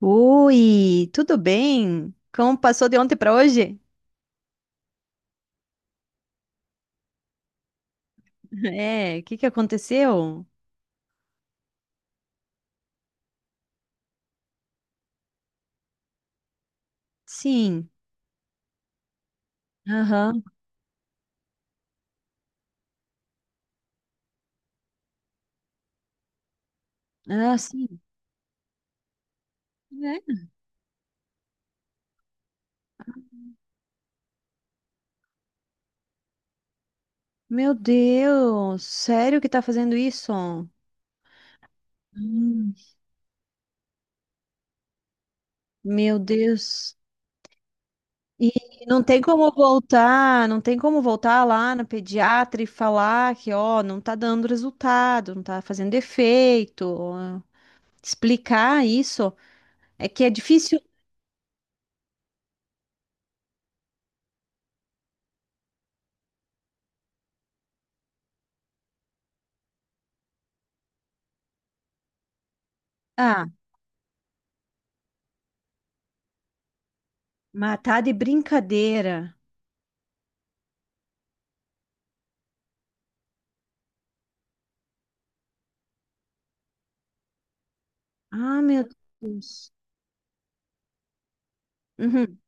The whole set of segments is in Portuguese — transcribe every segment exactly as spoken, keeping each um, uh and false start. Oi, tudo bem? Como passou de ontem para hoje? É, o que que aconteceu? Sim. Aham. Ah, sim. É. Meu Deus, sério que tá fazendo isso? Hum. Meu Deus. E não tem como voltar, não tem como voltar lá no pediatra e falar que, ó, não tá dando resultado, não tá fazendo efeito, ó, explicar isso. É que é difícil. Ah, matar de brincadeira. Ah, meu Deus. Uhum.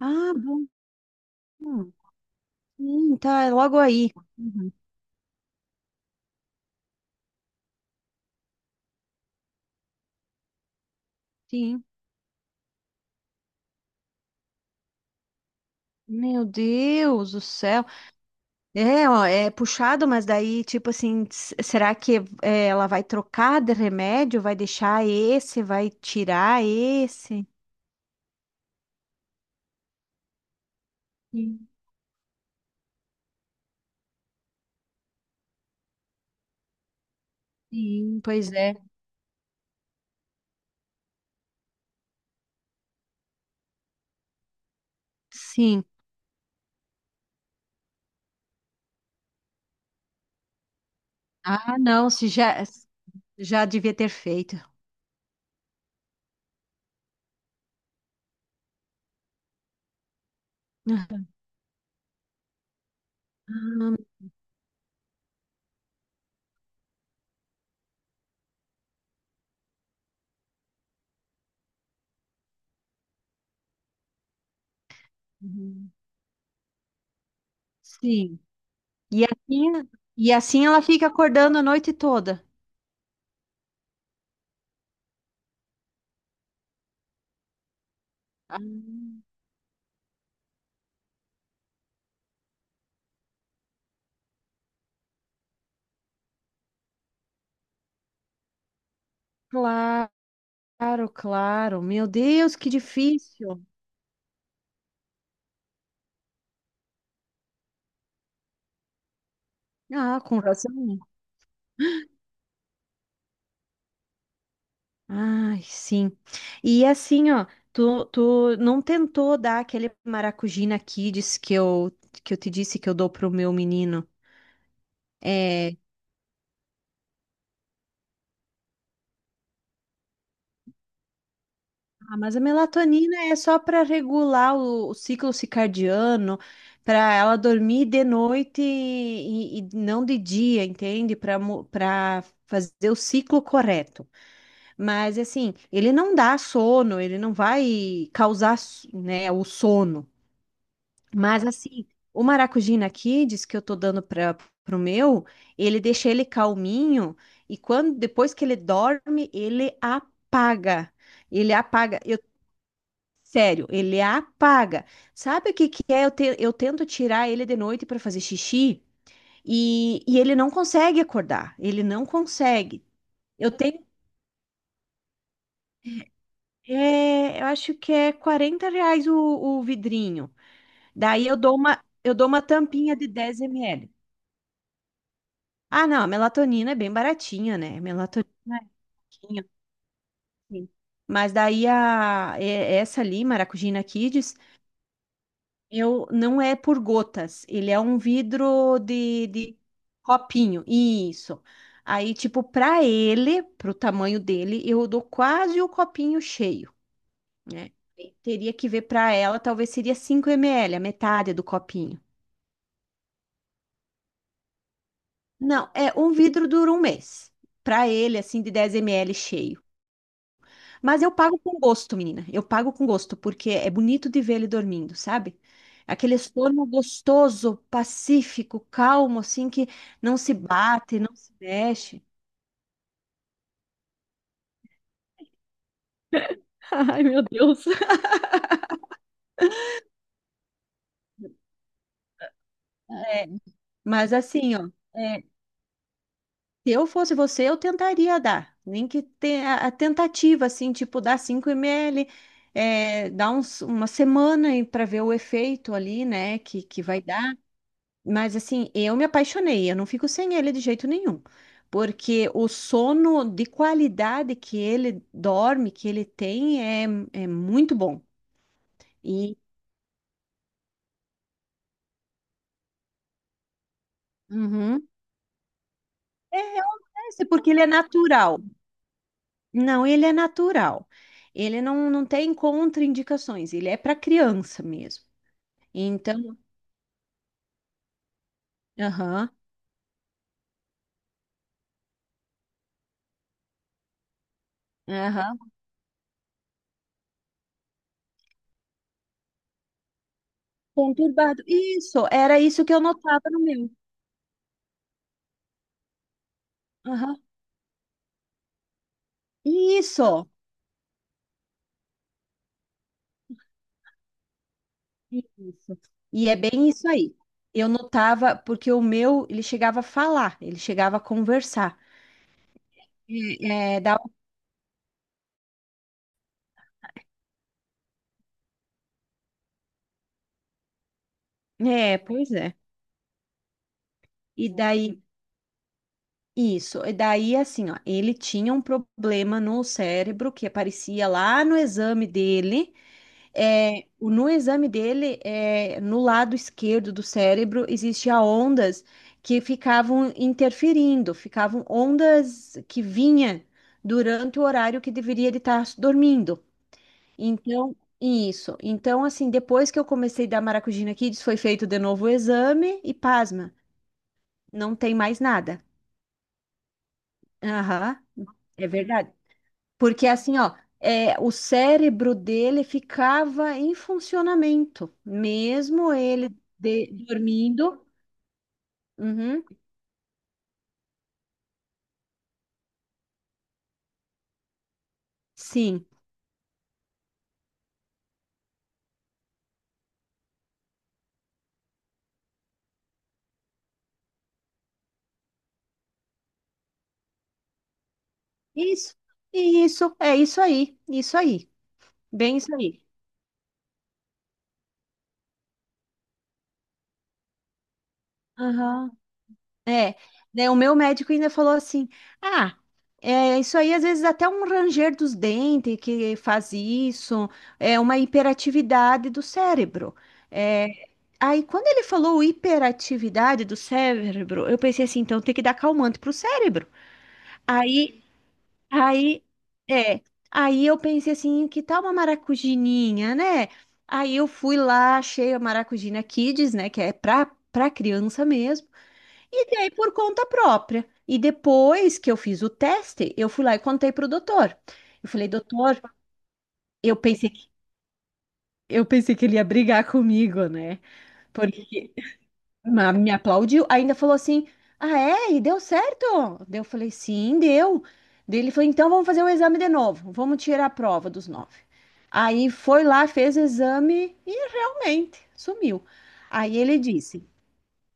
Ah, bom. Sim, tá, é logo aí. Uhum. Sim. Meu Deus do céu. É, ó, é puxado, mas daí, tipo assim, s- será que é, ela vai trocar de remédio? Vai deixar esse? Vai tirar esse? Sim, sim, pois é. Sim. Ah, não, se já, já devia ter feito. Ah, uhum. Sim. E assim, e assim ela fica acordando a noite toda. Ah. Claro, claro. Meu Deus, que difícil. Ah, com razão. Ai, sim. E assim, ó, tu, tu não tentou dar aquele Maracujina Kids que eu, que eu te disse que eu dou pro meu menino? É, ah, mas a melatonina é só para regular o, o ciclo circadiano, para ela dormir de noite e, e- e não de dia, entende? Para para fazer o ciclo correto. Mas assim, ele não dá sono, ele não vai causar, né, o sono. Mas assim, o Maracujina Kids que eu tô dando para pro meu, ele deixa ele calminho e quando depois que ele dorme, ele apaga. Ele apaga. Eu Sério, ele apaga. Sabe o que que é? Eu, te- eu tento tirar ele de noite para fazer xixi e, e ele não consegue acordar. Ele não consegue. Eu tenho É, eu acho que é quarenta reais o, o vidrinho. Daí eu dou uma, eu dou uma tampinha de dez ml. Ah, não, a melatonina é bem baratinha, né? Melatonina é pouquinho, assim. Mas daí a, é- essa ali, Maracujina Kids, eu, não é por gotas. Ele é um vidro de, de copinho. Isso. Aí, tipo, pra ele, pro tamanho dele, eu dou quase o copinho cheio, né? E teria que ver para ela, talvez seria cinco ml, a metade do copinho. Não, é um vidro dura um mês. Para ele, assim, de dez ml cheio. Mas eu pago com gosto, menina. Eu pago com gosto, porque é bonito de ver ele dormindo, sabe? Aquele sono gostoso, pacífico, calmo, assim, que não se bate, não se mexe. Ai, meu Deus. Mas assim, ó. é, Se eu fosse você, eu tentaria dar. Nem que tenha a tentativa, assim, tipo, dar cinco ml, é, dar uns, uma semana para ver o efeito ali, né, que, que vai dar. Mas, assim, eu me apaixonei, eu não fico sem ele de jeito nenhum. Porque o sono de qualidade que ele dorme, que ele tem, é, é muito bom. E uhum, é, é porque ele é natural. Não, ele é natural. Ele não, não tem contraindicações, ele é para criança mesmo. Então, aham, aham, conturbado. Isso, era isso que eu notava no meu. Aham, isso, isso. E é bem isso aí. Eu notava, porque o meu, ele chegava a falar, ele chegava a conversar. É, é, da- é, Pois é. E daí, Isso, e daí assim, ó, ele tinha um problema no cérebro que aparecia lá no exame dele. É, o- no exame dele, é, no lado esquerdo do cérebro, existia ondas que ficavam interferindo, ficavam ondas que vinha durante o horário que deveria ele estar dormindo. Então, isso. Então, assim, depois que eu comecei a dar Maracugina Kids, foi feito de novo o exame e pasma, não tem mais nada. Aham, é verdade. Porque assim, ó, é, o cérebro dele ficava em funcionamento, mesmo ele de- dormindo. Uhum, sim. Isso, isso, é isso aí, isso aí, bem isso aí. É, né, o meu médico ainda falou assim: ah, é, isso aí às vezes até um ranger dos dentes que faz isso, é uma hiperatividade do cérebro. É, aí quando ele falou hiperatividade do cérebro, eu pensei assim: então tem que dar calmante pro cérebro. Aí, aí, é, aí eu pensei assim: que tal uma maracujininha, né? Aí eu fui lá, achei a Maracujina Kids, né, que é pra, pra criança mesmo. E dei por conta própria. E depois que eu fiz o teste, eu fui lá e contei pro doutor. Eu falei, doutor, eu pensei que, eu pensei que ele ia brigar comigo, né? Porque ma- me aplaudiu. Ainda falou assim: Ah, é? E deu certo? Daí eu falei, sim, deu. Daí ele falou, então vamos fazer o exame de novo. Vamos tirar a prova dos nove. Aí foi lá, fez o exame e realmente sumiu. Aí ele disse.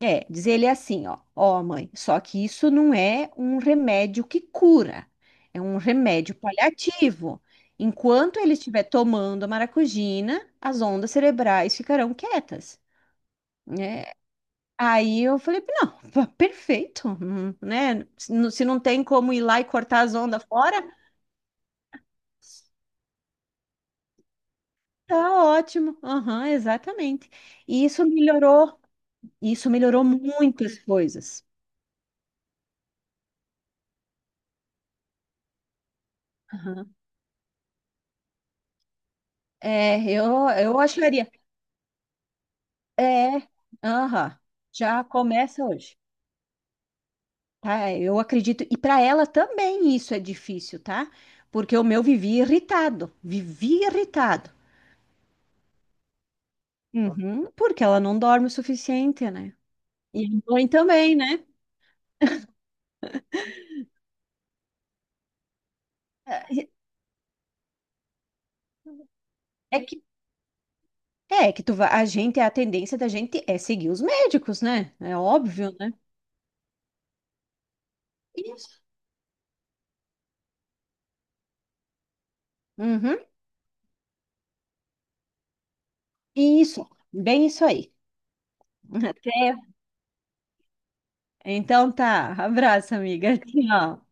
É, diz ele assim, ó, ó, mãe, só que isso não é um remédio que cura, é um remédio paliativo. Enquanto ele estiver tomando a maracujina, as ondas cerebrais ficarão quietas, né? Aí eu falei, não, pa- perfeito, hum, né? Se não se não tem como ir lá e cortar as ondas fora, tá ótimo. Aham, exatamente. E isso melhorou, isso melhorou muitas coisas. Aham. É, eu, eu acharia. É, aham, já começa hoje, tá? Eu acredito, e para ela também isso é difícil, tá? Porque o meu vivia irritado, vivia irritado. Uhum, porque ela não dorme o suficiente, né? E a mãe também, né? É é que, é que tu vai, a gente, a tendência da gente é seguir os médicos, né? É óbvio, né? Isso. Uhum, isso, bem isso aí. Até. Então tá, abraço, amiga. Tchau.